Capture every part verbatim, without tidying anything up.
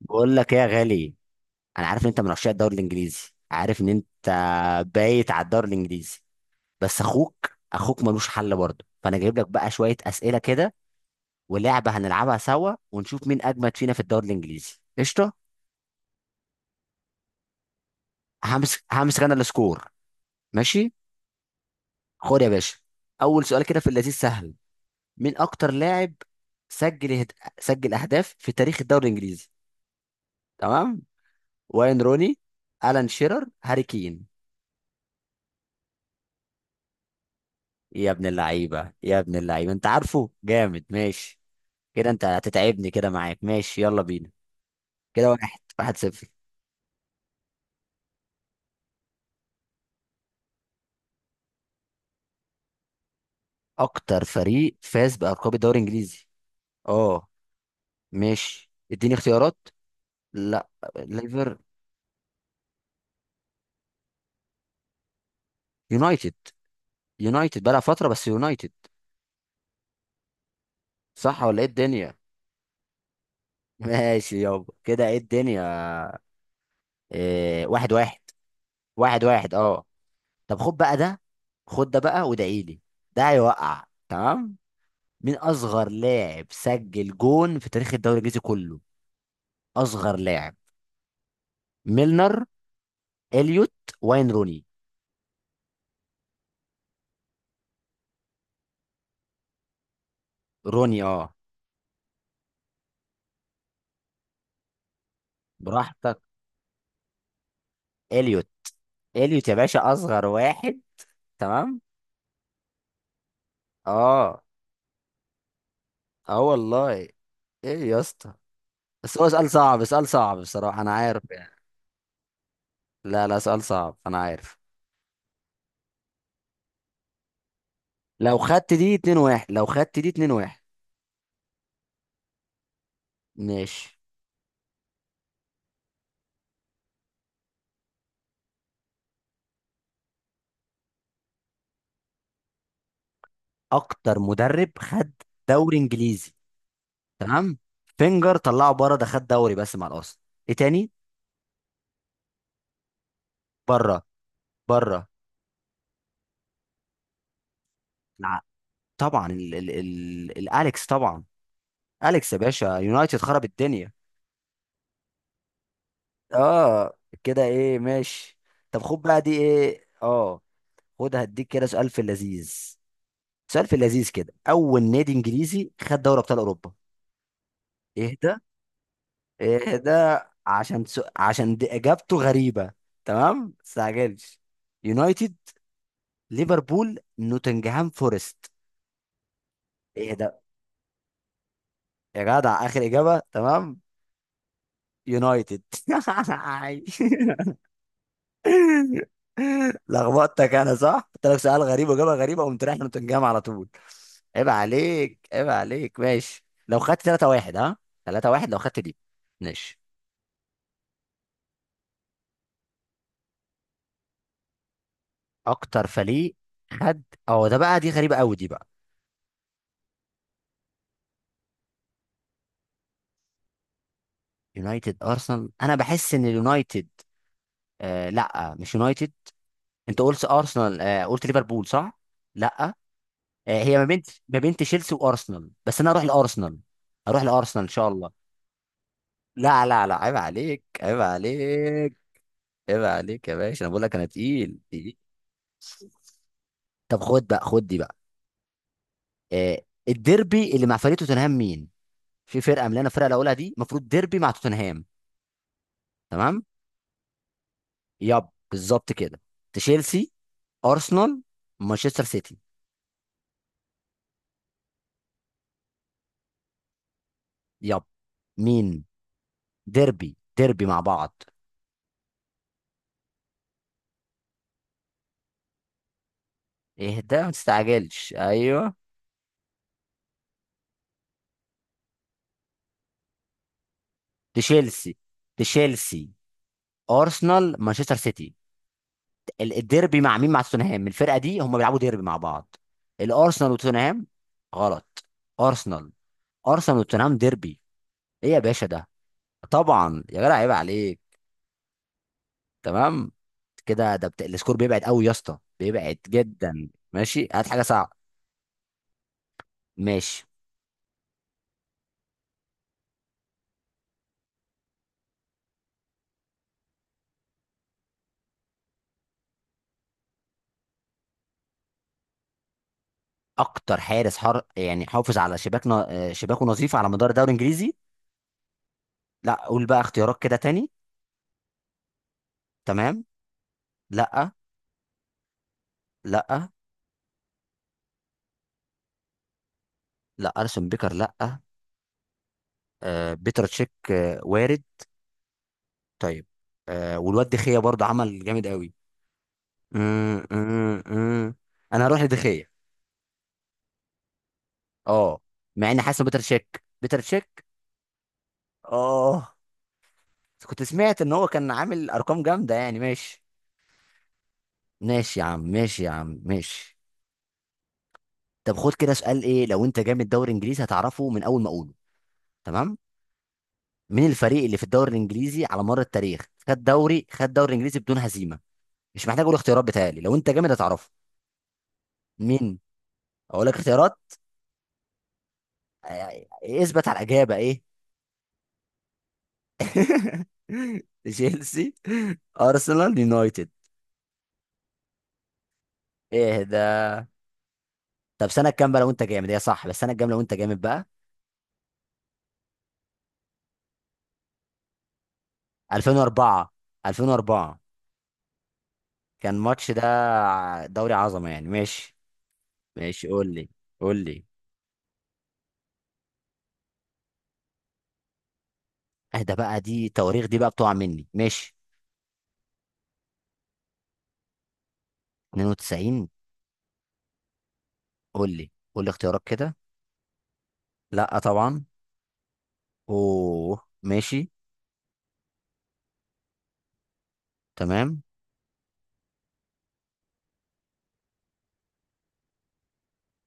بقول لك ايه يا غالي. انا عارف ان انت من عشاق الدوري الانجليزي، عارف ان انت بايت على الدوري الانجليزي. بس اخوك اخوك ملوش حل برضه، فانا جايب لك بقى شويه اسئله كده ولعبه هنلعبها سوا ونشوف مين اجمد فينا في الدوري الانجليزي. قشطه. همسك همسك انا السكور. ماشي، خد يا باشا. اول سؤال كده في اللذيذ سهل. مين اكتر لاعب سجل هد... سجل اهداف في تاريخ الدوري الانجليزي؟ تمام. واين روني، الان شيرر، هاري كين. يا ابن اللعيبة، يا ابن اللعيبة، انت عارفه جامد. ماشي كده، انت هتتعبني كده معاك. ماشي يلا بينا، كده واحد واحد صفر. اكتر فريق فاز بألقاب الدوري الانجليزي؟ اه ماشي، اديني اختيارات. لا، ليفر يونايتد. يونايتد بقى فترة، بس يونايتد. صح ولا ايه الدنيا؟ ماشي يابا، كده ايه الدنيا؟ إيه، واحد واحد. واحد واحد اه. طب خد بقى ده، خد ده بقى وادعيلي، ده هيوقع تمام. مين اصغر لاعب سجل جون في تاريخ الدوري الانجليزي كله؟ اصغر لاعب. ميلنر، اليوت، واين روني. روني اه. براحتك. اليوت، اليوت يا باشا اصغر واحد. تمام. اه. اه والله. ايه يا اسطى؟ بس هو سؤال صعب، سؤال صعب بصراحة، انا عارف يعني. لا لا، سؤال صعب انا عارف. لو خدت دي اتنين واحد، لو خدت دي اتنين واحد. ماشي. اكتر مدرب خد دوري انجليزي؟ تمام. فينجر طلعه بره، ده خد دوري بس مع الاصل. ايه تاني؟ بره، بره. ع- طبعا ال ال ال الاليكس طبعا، اليكس يا باشا، يونايتد خرب الدنيا. اه، كده ايه؟ ماشي، طب خد بقى دي ايه، اه خد هديك كده سؤال في اللذيذ. سؤال في اللذيذ كده: اول نادي انجليزي خد دوري ابطال اوروبا؟ ايه ده، ايه ده؟ عشان سو... عشان دي اجابته غريبة. تمام، مستعجلش. يونايتد، ليفربول، نوتنغهام فورست. ايه ده؟ يا جدع، اخر اجابة؟ تمام. يونايتد. لخبطتك انا، صح؟ قلت لك سؤال غريب واجابه غريبه، وقمت رايح نوتنجهام على طول. عيب عليك، عيب عليك. ماشي، لو خدت ثلاثة واحد ها، ثلاثة واحد لو خدت دي. ماشي. اكتر فريق خد؟ اه ده بقى، دي غريبه قوي دي بقى. يونايتد، ارسنال. انا بحس ان اليونايتد. آه لا، مش يونايتد. انت قلت ارسنال، آه قلت ليفربول، صح؟ لا. آه، هي ما بين، ما بين تشيلسي وارسنال، بس انا اروح لارسنال. اروح لارسنال ان شاء الله. لا لا لا، عيب عليك، عيب عليك. عيب عليك يا باشا، انا بقول لك انا تقيل، تقيل. طب خد بقى، خد دي بقى. آه، الديربي اللي مع فريق توتنهام مين؟ في فرقه من اللي انا الفرقه اللي هقولها دي المفروض ديربي مع توتنهام. تمام. يب، بالظبط كده. تشيلسي، ارسنال، مانشستر سيتي. يب. مين؟ ديربي، ديربي مع بعض. ايه ده، ما تستعجلش. ايوه. تشيلسي. تشيلسي، ارسنال، مانشستر سيتي. ال- الديربي مع مين؟ مع توتنهام الفرقه دي، هم بيلعبوا ديربي مع بعض. الارسنال وتوتنهام. غلط. ارسنال. ارسنال وتوتنهام ديربي. ايه يا باشا ده؟ طبعا يا جدع، عيب عليك. تمام كده. ده بت... السكور بيبعد قوي يا اسطى، بيبعد جدا. ماشي، هات حاجه صعبه. ماشي. اكتر حارس حر يعني حافظ على شباكنا، آه، شباكه نظيف على مدار الدوري الانجليزي. لا قول بقى اختيارات كده تاني. تمام. لا. لا. لا اليسون بيكر لا. آه، بيتر تشيك، آه، وارد. طيب، آه والواد دخية برضه عمل جامد قوي. مم، مم، مم. انا هروح لدخية. اه. مع اني حاسس إن بيتر تشيك، بيتر تشيك. اه، كنت سمعت ان هو كان عامل ارقام جامدة يعني. ماشي. ماشي يا عم، ماشي يا عم، ماشي. طب خد كده سؤال، ايه لو انت جامد دوري انجليزي هتعرفه من اول ما اقوله. تمام. مين الفريق اللي في الدوري الانجليزي على مر التاريخ خد دوري، خد دوري انجليزي بدون هزيمة؟ مش محتاج اقول اختيارات بتاعي، لو انت جامد هتعرفه. مين؟ اقول لك اختيارات. آه. إيه، اثبت على الاجابة ايه. تشيلسي، ارسنال، يونايتد. ايه ده؟ طب سنه كام بقى، لو انت جامد هي صح، بس سنه كام لو انت جامد بقى. ألفين وأربعة. ألفين وأربعة كان ماتش ده، دوري عظمه يعني. ماشي، ماشي. قول لي، قول لي. ايه ده بقى، دي تواريخ دي بقى بتقع مني. ماشي. تسعين. قول لي، قول لي اختيارات كده. لا طبعا. اوه ماشي. تمام.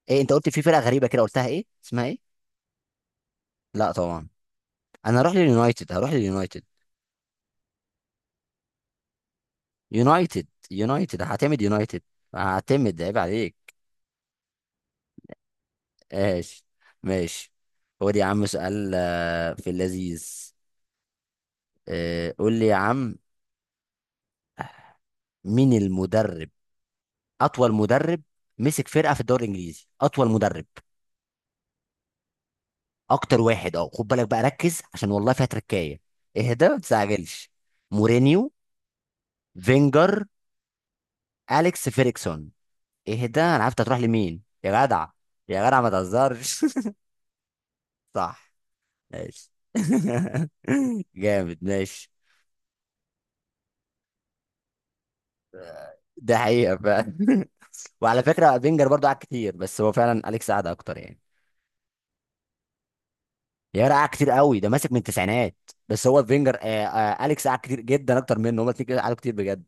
ايه، انت قلت في فرقه غريبه كده، قلتها ايه اسمها ايه؟ لا طبعا. انا هروح لليونايتد، هروح لليونايتد. يونايتد، يونايتد هعتمد يونايتد. هعتمد، عيب عليك. ماشي، ماشي. خد يا عم سؤال آه، في اللذيذ. آه، قول لي يا عم. مين المدرب، اطول مدرب مسك فرقه في الدوري الانجليزي؟ اطول مدرب، اكتر واحد. اه خد بالك بقى، ركز عشان والله فيها تركايه. اهدى، ما تستعجلش. مورينيو، فينجر، اليكس فيريكسون. اهدى، انا عارف أنت هتروح لمين يا جدع. يا جدع ما تهزرش. صح. ماشي، جامد، ماشي. ده حقيقة فعلا. وعلى فكرة بنجر برضو قعد كتير، بس هو فعلا أليكس قعد أكتر يعني. يارا، قعد كتير قوي، ده ماسك من التسعينات. بس هو فينجر، آه آه أليكس قعد كتير جدا أكتر منه. هما الاتنين كده قعدوا كتير بجد.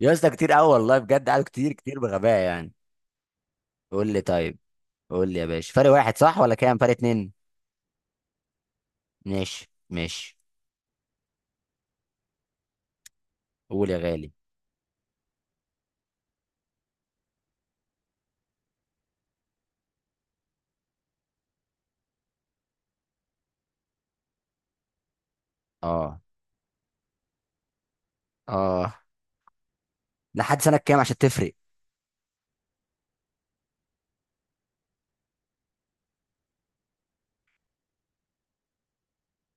يا اسطى كتير قوي والله بجد، قعدوا كتير كتير بغباء يعني. قول لي طيب. قول لي يا باشا، فرق واحد صح ولا كام فرق؟ اتنين؟ ماشي، ماشي. قول يا غالي. اه. اه. لحد سنة كام عشان تفرق؟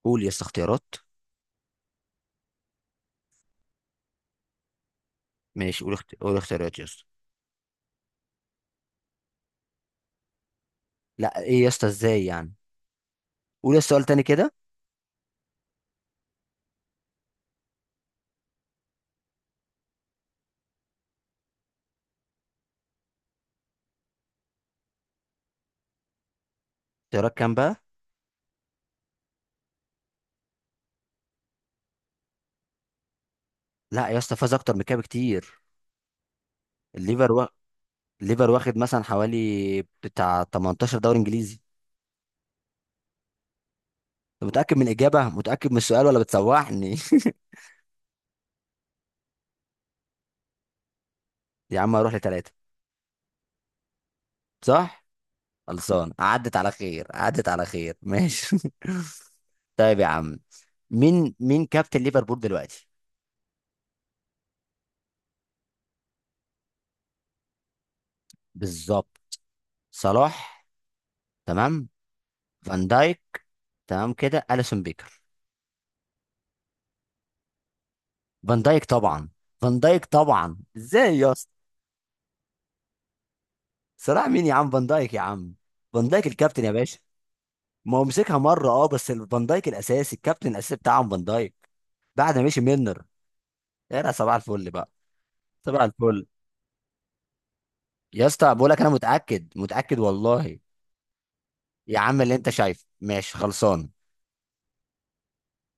قول يا اسطى اختيارات. ماشي، قول اخت... قول اختيارات يا اسطى. لا ايه يا اسطى، ازاي يعني. قول يا اسطى سؤال تاني كده. اختيارات كام بقى؟ لا يا اسطى، فاز اكتر من كده بكتير. الليفر و... الليفر واخد مثلا حوالي بتاع تمنتاشر دوري انجليزي. انت متاكد من الاجابه، متاكد من السؤال، ولا بتسوحني؟ يا عم هروح لثلاثه. صح. خلصان، عدت على خير، عدت على خير، ماشي. طيب يا عم. مين مين كابتن ليفربول دلوقتي؟ بالظبط. صلاح. تمام. فان دايك. تمام كده، اليسون بيكر. فان دايك طبعا. فان دايك طبعا، ازاي يا اسطى؟ صلاح مين يا عم، فان دايك يا عم، فان دايك الكابتن يا باشا. ما هو مسكها مره، اه بس ال- فان دايك الاساسي، الكابتن الاساسي بتاعهم فان دايك، بعد ما مشي ميلنر. يا صباح الفل بقى. صباح الفل. يا اسطى بقول لك انا متاكد، متاكد والله. يا عم اللي انت شايفه، ماشي خلصان.